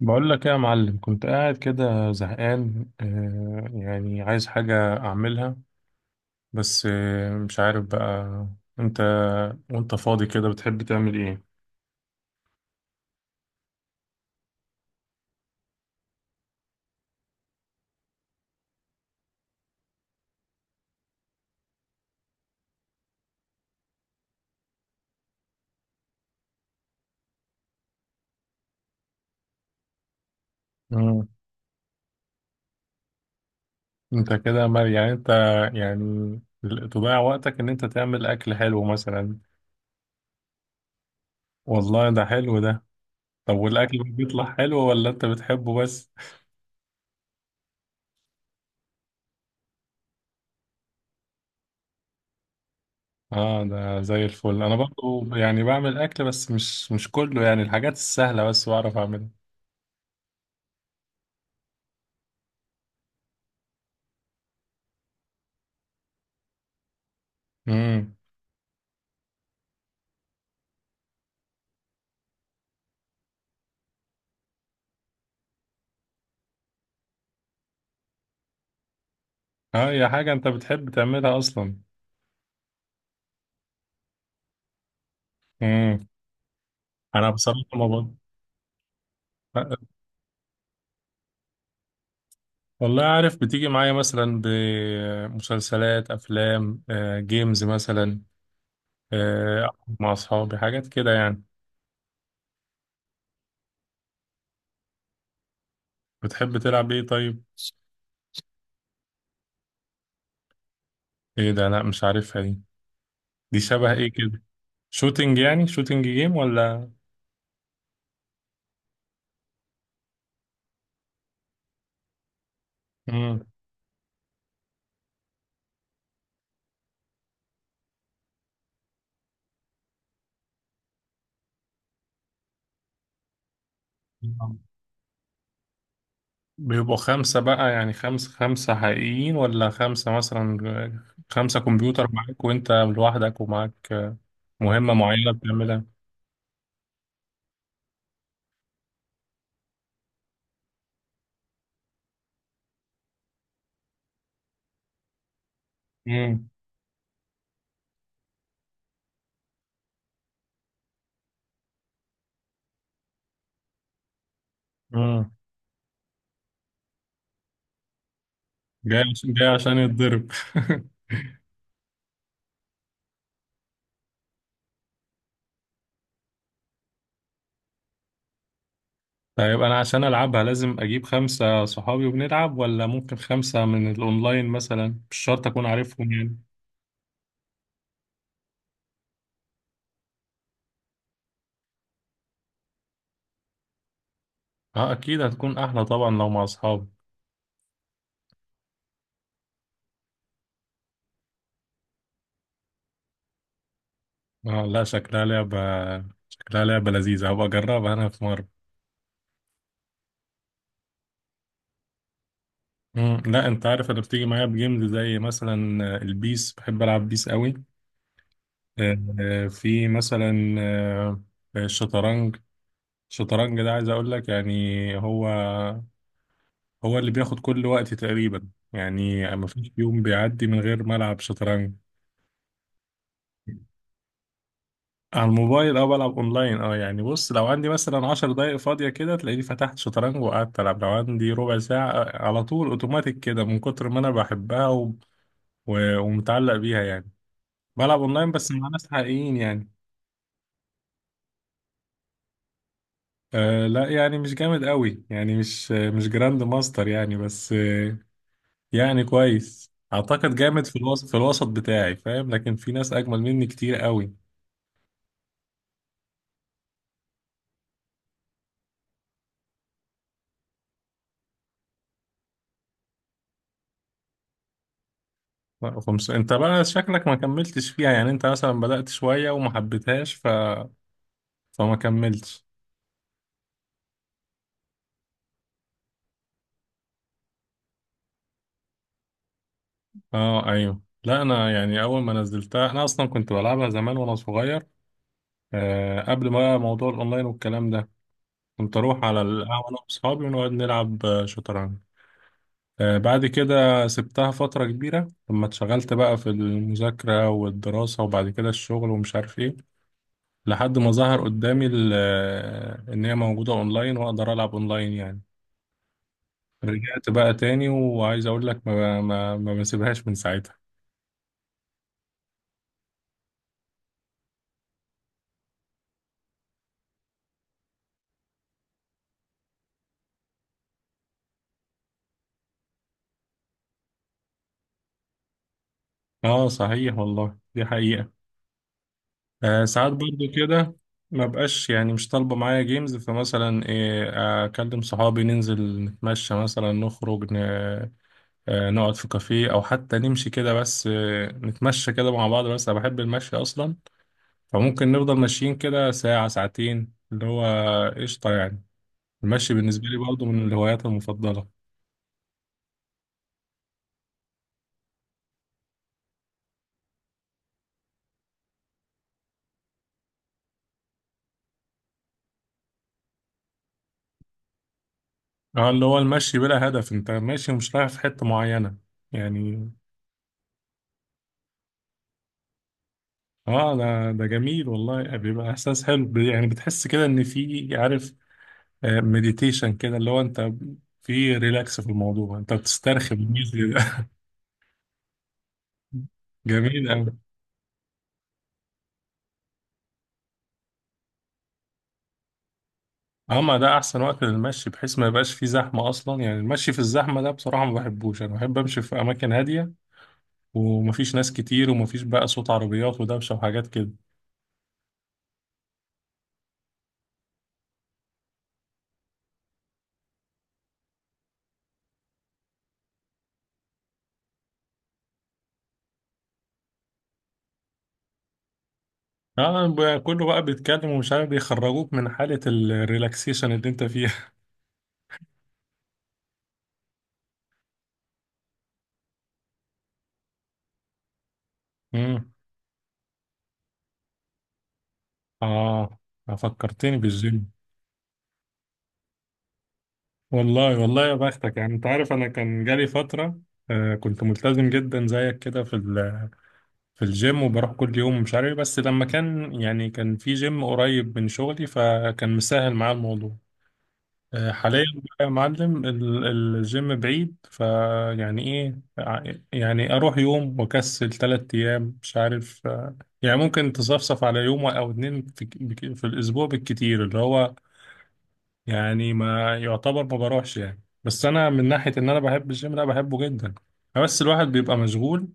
بقول لك ايه يا معلم، كنت قاعد كده زهقان، يعني عايز حاجة أعملها، بس مش عارف بقى. أنت وأنت فاضي كده بتحب تعمل إيه؟ مم. يعني أنت يعني تضيع وقتك إن أنت تعمل أكل حلو مثلا. والله ده حلو ده. طب والأكل بيطلع حلو ولا أنت بتحبه بس؟ آه، ده زي الفل. أنا برضو يعني بعمل أكل بس مش كله، يعني الحاجات السهلة بس بعرف أعملها. اه، هي حاجة انت بتحب تعملها اصلا. امم انا بصراحة ما بقى. والله عارف، بتيجي معايا مثلا بمسلسلات افلام جيمز مثلا، أقعد مع اصحابي، حاجات كده يعني. بتحب تلعب ايه طيب؟ ايه ده؟ لا مش عارفها دي شبه ايه كده؟ شوتينج، يعني شوتينج جيم ولا؟ امم. بيبقوا 5 بقى، يعني خمسة حقيقيين، ولا خمسة مثلا 5 كمبيوتر معاك وانت لوحدك ومعاك مهمة معينة بتعملها؟ امم. امم. جاي عشان يتضرب طيب انا عشان العبها لازم اجيب 5 صحابي وبنلعب، ولا ممكن خمسة من الاونلاين مثلا مش شرط اكون عارفهم يعني؟ اه اكيد هتكون احلى طبعا لو مع اصحابي. اه لا، شكلها لعبة لذيذة، هبقى اجربها انا في مرة. مم. لا انت عارف، انا بتيجي معايا بجيمز زي مثلا البيس، بحب العب بيس قوي. في مثلا آه، الشطرنج الشطرنج ده، عايز اقول لك يعني هو اللي بياخد كل وقتي تقريبا، يعني مفيش يوم بيعدي من غير ما العب شطرنج. على الموبايل او بلعب اونلاين. اه يعني بص، لو عندي مثلا 10 دقايق فاضية كده تلاقيني فتحت شطرنج وقعدت العب، لو عندي ربع ساعة على طول اوتوماتيك كده، من كتر ما انا بحبها ومتعلق بيها يعني. بلعب اونلاين بس مع ناس حقيقيين يعني. آه لا يعني، مش جامد قوي يعني، مش جراند ماستر يعني، بس. يعني كويس اعتقد. جامد في الوسط بتاعي، فاهم؟ لكن في ناس اجمل مني كتير قوي. لا خمسة، انت بقى شكلك ما كملتش فيها، يعني انت مثلا بدأت شوية وما حبيتهاش فما كملتش. اه ايوه. لا انا يعني اول ما نزلتها، انا اصلا كنت بلعبها زمان وانا صغير. قبل ما موضوع الاونلاين والكلام ده، كنت اروح على القهوة انا واصحابي ونقعد نلعب شطرنج. بعد كده سبتها فترة كبيرة، لما اتشغلت بقى في المذاكرة والدراسة، وبعد كده الشغل، ومش عارف ايه. لحد ما ظهر قدامي ان هي موجودة اونلاين، واقدر العب اونلاين يعني. رجعت بقى تاني، وعايز اقول لك ما بسيبهاش من ساعتها. اه صحيح والله، دي حقيقة. ساعات برضو كده ما بقاش، يعني مش طالبة معايا جيمز، فمثلا إيه، اكلم صحابي ننزل نتمشى مثلا نخرج ن... آه نقعد في كافيه او حتى نمشي كده، بس نتمشى كده مع بعض. بس انا بحب المشي اصلا. فممكن نفضل ماشيين كده ساعة ساعتين، اللي هو قشطة يعني. المشي بالنسبة لي برضو من الهوايات المفضلة. اه، اللي هو المشي بلا هدف، انت ماشي ومش رايح في حتة معينة يعني. اه، ده جميل والله، بيبقى احساس حلو يعني بتحس كده ان في، عارف، مديتيشن كده، اللي هو انت في ريلاكس في الموضوع، انت بتسترخي بالميز كده. جميل قوي. اه، ما ده احسن وقت للمشي، بحيث ما يبقاش فيه زحمة اصلا. يعني المشي في الزحمة ده بصراحة ما بحبوش، انا بحب امشي في اماكن هادية، ومفيش ناس كتير، ومفيش بقى صوت عربيات ودوشة وحاجات كده. اه، كله بقى بيتكلم ومش عارف، بيخرجوك من حالة الريلاكسيشن اللي انت فيها امم. اه، اه، فكرتني بالجيم. والله والله يا بختك، يعني انت عارف، انا كان جالي فترة. كنت ملتزم جدا زيك كده في الجيم، وبروح كل يوم مش عارف إيه، بس لما كان يعني كان في جيم قريب من شغلي، فكان مسهل معايا الموضوع. حاليا بقى يا معلم الجيم بعيد، فيعني ايه يعني اروح يوم واكسل 3 ايام مش عارف، يعني ممكن تصفصف على يوم او اتنين في الاسبوع بالكتير، اللي هو يعني ما يعتبر ما بروحش يعني، بس انا من ناحية ان انا بحب الجيم، لا بحبه جدا. بس الواحد بيبقى مشغول،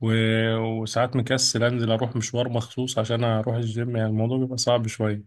و- وساعات مكسل انزل اروح مشوار مخصوص عشان اروح الجيم، يعني الموضوع بيبقى صعب شوية.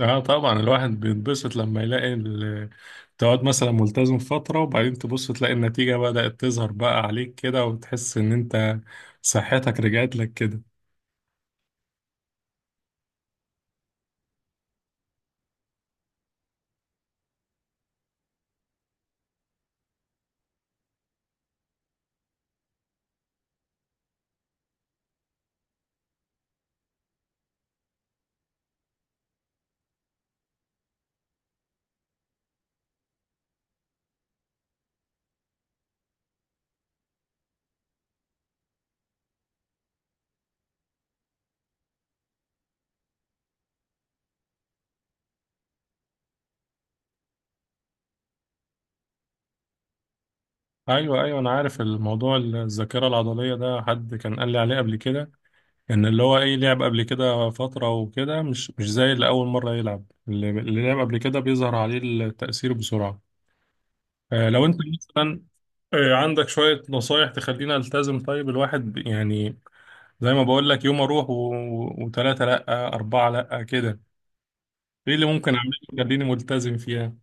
اه طبعا، الواحد بيتبسط لما يلاقي تقعد مثلا ملتزم فترة، وبعدين تبص تلاقي النتيجة بدأت تظهر بقى عليك كده، وتحس ان انت صحتك رجعت لك كده. ايوه، ايوه، انا عارف الموضوع. الذاكرة العضلية ده حد كان قال لي عليه قبل كده. ان اللي هو ايه، لعب قبل كده فترة وكده مش زي اللي اول مرة يلعب، اللي لعب قبل كده بيظهر عليه التأثير بسرعة. لو انت مثلا عندك شوية نصايح تخلينا التزم، طيب الواحد يعني، زي ما بقول لك يوم اروح وثلاثة لا أربعة لا كده، ايه اللي ممكن اعمله يخليني ملتزم فيها؟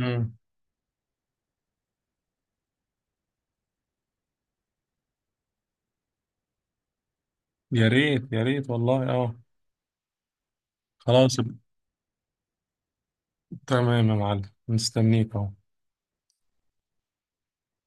امم. يا ريت يا ريت والله، اه. خلاص. تمام يا معلم. مستنيك اهو.